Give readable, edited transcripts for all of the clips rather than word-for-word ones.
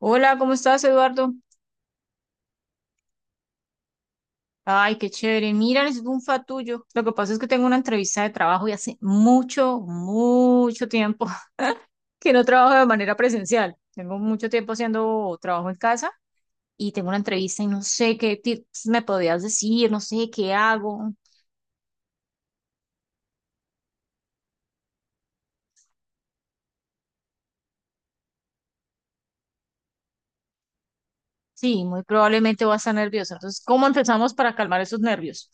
Hola, ¿cómo estás, Eduardo? Ay, qué chévere. Mira, necesito un fatullo. Lo que pasa es que tengo una entrevista de trabajo y hace mucho, mucho tiempo que no trabajo de manera presencial. Tengo mucho tiempo haciendo trabajo en casa y tengo una entrevista y no sé qué tips me podrías decir, no sé qué hago. Sí, muy probablemente voy a estar nerviosa. Entonces, ¿cómo empezamos para calmar esos nervios?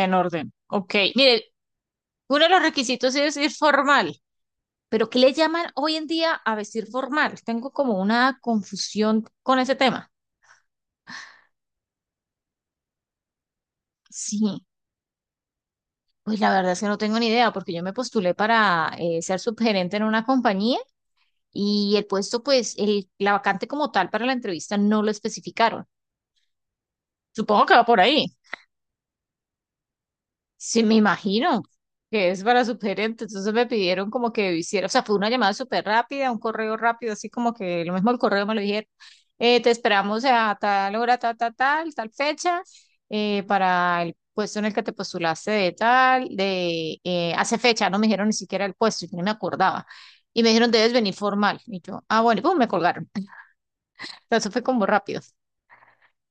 En orden. Ok, mire, uno de los requisitos es ir formal. Pero ¿qué le llaman hoy en día a vestir formal? Tengo como una confusión con ese tema. Sí. Pues la verdad es que no tengo ni idea, porque yo me postulé para ser subgerente en una compañía y el puesto, pues, el, la vacante como tal para la entrevista no lo especificaron. Supongo que va por ahí. Sí, me imagino que es para su gerente. Entonces me pidieron como que hiciera, o sea, fue una llamada súper rápida, un correo rápido, así como que lo mismo el correo me lo dijeron. Te esperamos a tal hora, tal, tal, tal, tal fecha, para el puesto en el que te postulaste de tal, de hace fecha, no me dijeron ni siquiera el puesto, yo no me acordaba. Y me dijeron, debes venir formal. Y yo, ah, bueno, y pum, me colgaron. Eso fue como rápido.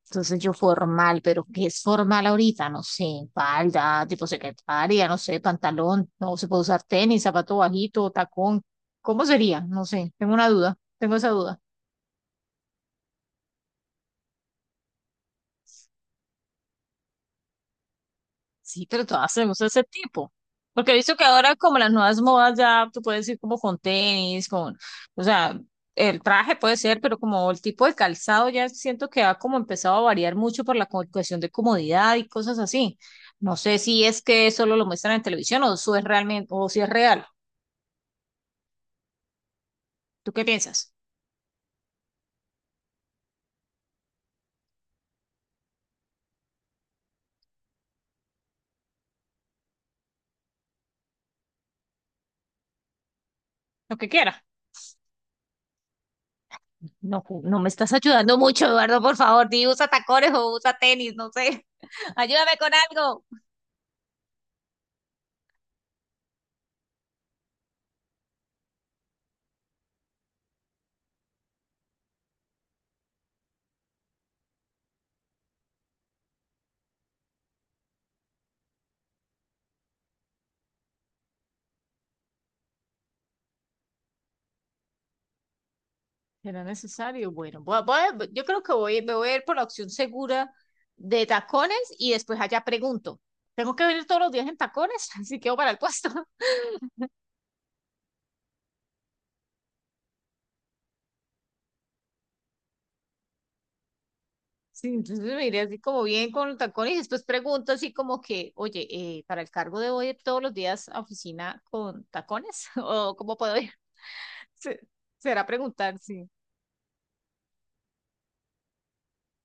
Entonces yo formal, pero ¿qué es formal ahorita? No sé, falda, tipo secretaria, no sé, pantalón, no se puede usar tenis, zapato bajito, tacón. ¿Cómo sería? No sé, tengo una duda, tengo esa duda. Sí, pero todas tenemos ese tipo. Porque he visto que ahora como las nuevas modas ya tú puedes ir como con tenis, con, o sea, el traje puede ser, pero como el tipo de calzado ya siento que ha como empezado a variar mucho por la cuestión de comodidad y cosas así. No sé si es que solo lo muestran en televisión o eso es realmente, o si es real. ¿Tú qué piensas? Lo que quiera. No, no me estás ayudando mucho, Eduardo, por favor, di usa tacones o usa tenis, no sé. Ayúdame con algo. ¿Será necesario? Bueno, yo creo que voy, me voy a ir por la opción segura de tacones y después allá pregunto. ¿Tengo que venir todos los días en tacones? Así quedo para el puesto. Sí, entonces me iré así como bien con los tacones y después pregunto así como que, oye, ¿para el cargo debo ir todos los días a oficina con tacones? ¿O cómo puedo ir? Se- Será preguntar, sí.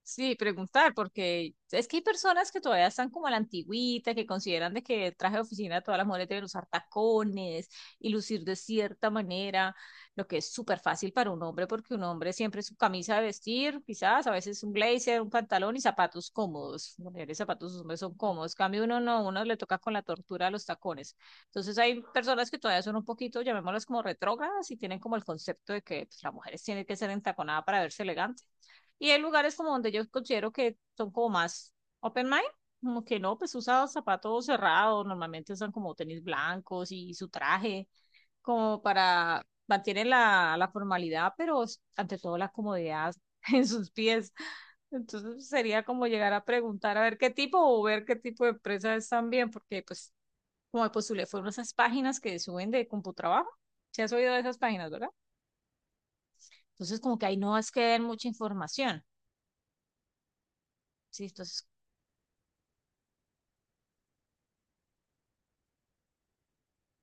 Sí, preguntar, porque es que hay personas que todavía están como a la antigüita, que consideran de que el traje de oficina todas las mujeres deben usar tacones y lucir de cierta manera, lo que es súper fácil para un hombre, porque un hombre siempre su camisa de vestir, quizás, a veces un blazer, un pantalón y zapatos cómodos. Las mujeres, zapatos, los hombres son cómodos. En cambio uno no, uno le toca con la tortura de los tacones. Entonces hay personas que todavía son un poquito, llamémoslas como retrógradas y tienen como el concepto de que pues, la mujer tiene que ser entaconada para verse elegante y hay lugares como donde yo considero que son como más open mind, como que no, pues usa zapatos cerrados, normalmente usan como tenis blancos y su traje, como para mantener la, la formalidad, pero ante todo la comodidad en sus pies. Entonces sería como llegar a preguntar a ver qué tipo o ver qué tipo de empresa es también, porque pues como de postulé fueron esas páginas que suben de CompuTrabajo. Se has oído de esas páginas, ¿verdad? Entonces como que ahí no es que den mucha información. Sí, entonces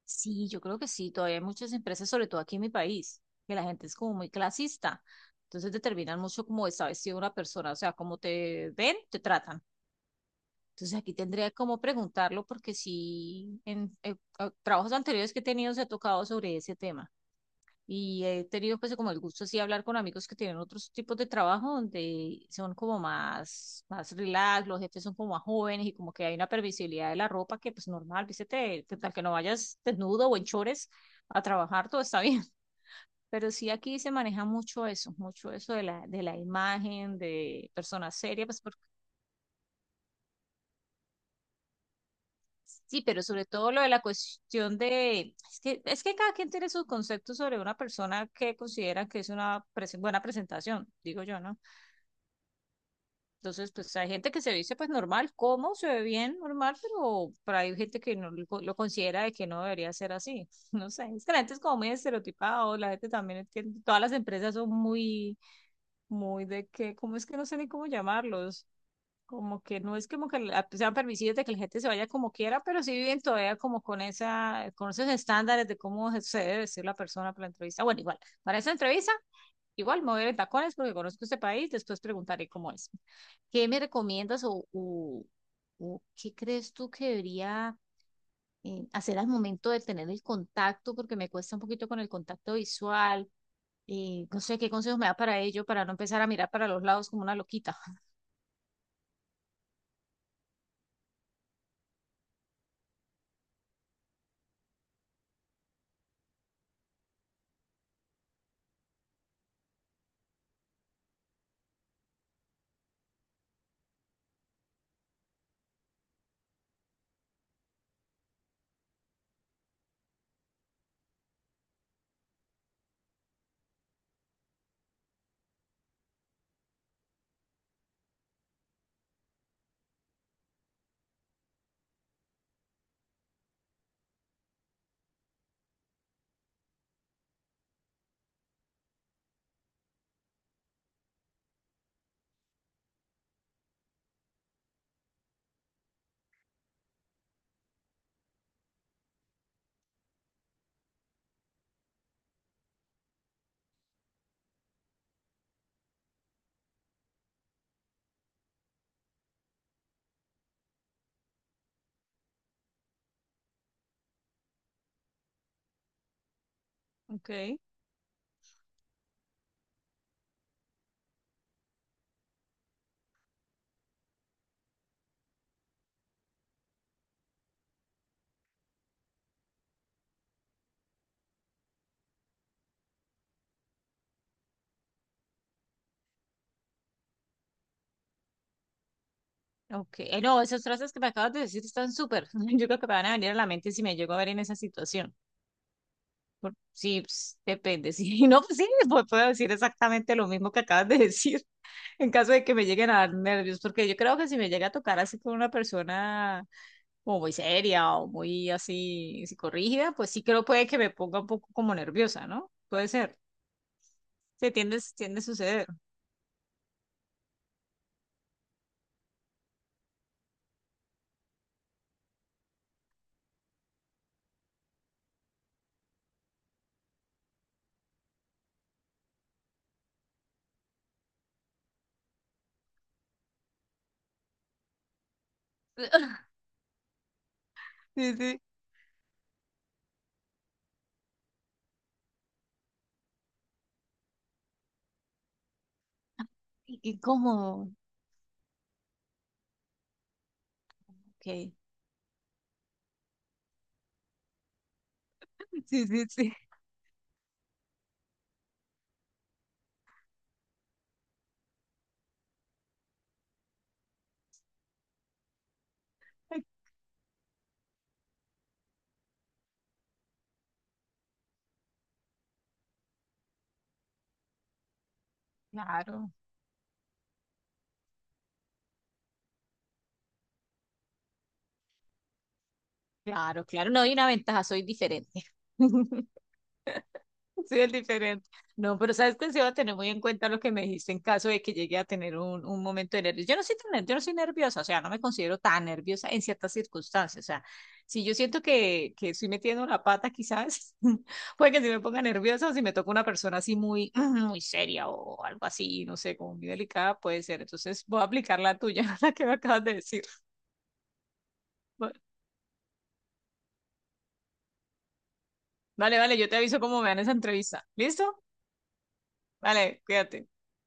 sí, yo creo que sí, todavía hay muchas empresas, sobre todo aquí en mi país, que la gente es como muy clasista. Entonces determinan mucho cómo está vestida una persona, o sea, cómo te ven, te tratan. Entonces aquí tendría como preguntarlo porque sí, en trabajos anteriores que he tenido se ha tocado sobre ese tema. Y he tenido pues como el gusto así de hablar con amigos que tienen otros tipos de trabajo donde son como más, más relax, los jefes son como más jóvenes y como que hay una permisibilidad de la ropa que pues normal, vístete, que tal que no vayas desnudo o en chores a trabajar, todo está bien. Pero sí aquí se maneja mucho eso de la imagen, de personas serias, pues porque- sí, pero sobre todo lo de la cuestión de, es que cada quien tiene sus conceptos sobre una persona que considera que es una buena presentación, digo yo, ¿no? Entonces, pues hay gente que se viste pues normal, como se ve bien normal, pero hay gente que no lo, lo considera de que no debería ser así. No sé, es que la gente es como muy estereotipada, la gente también es que todas las empresas son muy, muy de que, ¿cómo es que no sé ni cómo llamarlos? Como que no es como que sean permisivos de que la gente se vaya como quiera, pero sí viven todavía como con esa, con esos estándares de cómo se debe vestir la persona para la entrevista. Bueno, igual, para esa entrevista igual mover en tacones porque conozco este país, después preguntaré cómo es. ¿Qué me recomiendas o, o qué crees tú que debería hacer al momento de tener el contacto? Porque me cuesta un poquito con el contacto visual. No sé qué consejos me da para ello, para no empezar a mirar para los lados como una loquita. Ok. Ok, no, esas frases que me acabas de decir están súper. Yo creo que me van a venir a la mente si me llego a ver en esa situación. Por- sí, pues, depende. Sí, no, pues sí, pues, puedo decir exactamente lo mismo que acabas de decir. En caso de que me lleguen a dar nervios, porque yo creo que si me llega a tocar así con una persona como muy seria o muy así psicorrígida, pues sí creo puede que me ponga un poco como nerviosa, ¿no? Puede ser. Se tiende, tiende a suceder. Sí, sí. Y como, ok. Sí, sí, sí. Claro, claro, claro. No hay una ventaja, soy diferente. Sí, es diferente. No, pero sabes que sí voy a tener muy en cuenta lo que me dijiste en caso de que llegue a tener un momento de nervios. Yo no soy tan, yo no soy nerviosa, o sea, no me considero tan nerviosa en ciertas circunstancias. O sea, si yo siento que estoy metiendo la pata, quizás puede que si me ponga nerviosa o si me toca una persona así muy, muy seria o algo así, no sé, como muy delicada, puede ser. Entonces voy a aplicar la tuya, la que me acabas de decir. Bueno, vale, vale, yo te aviso cómo me dan esa entrevista. ¿Listo? Vale, cuídate.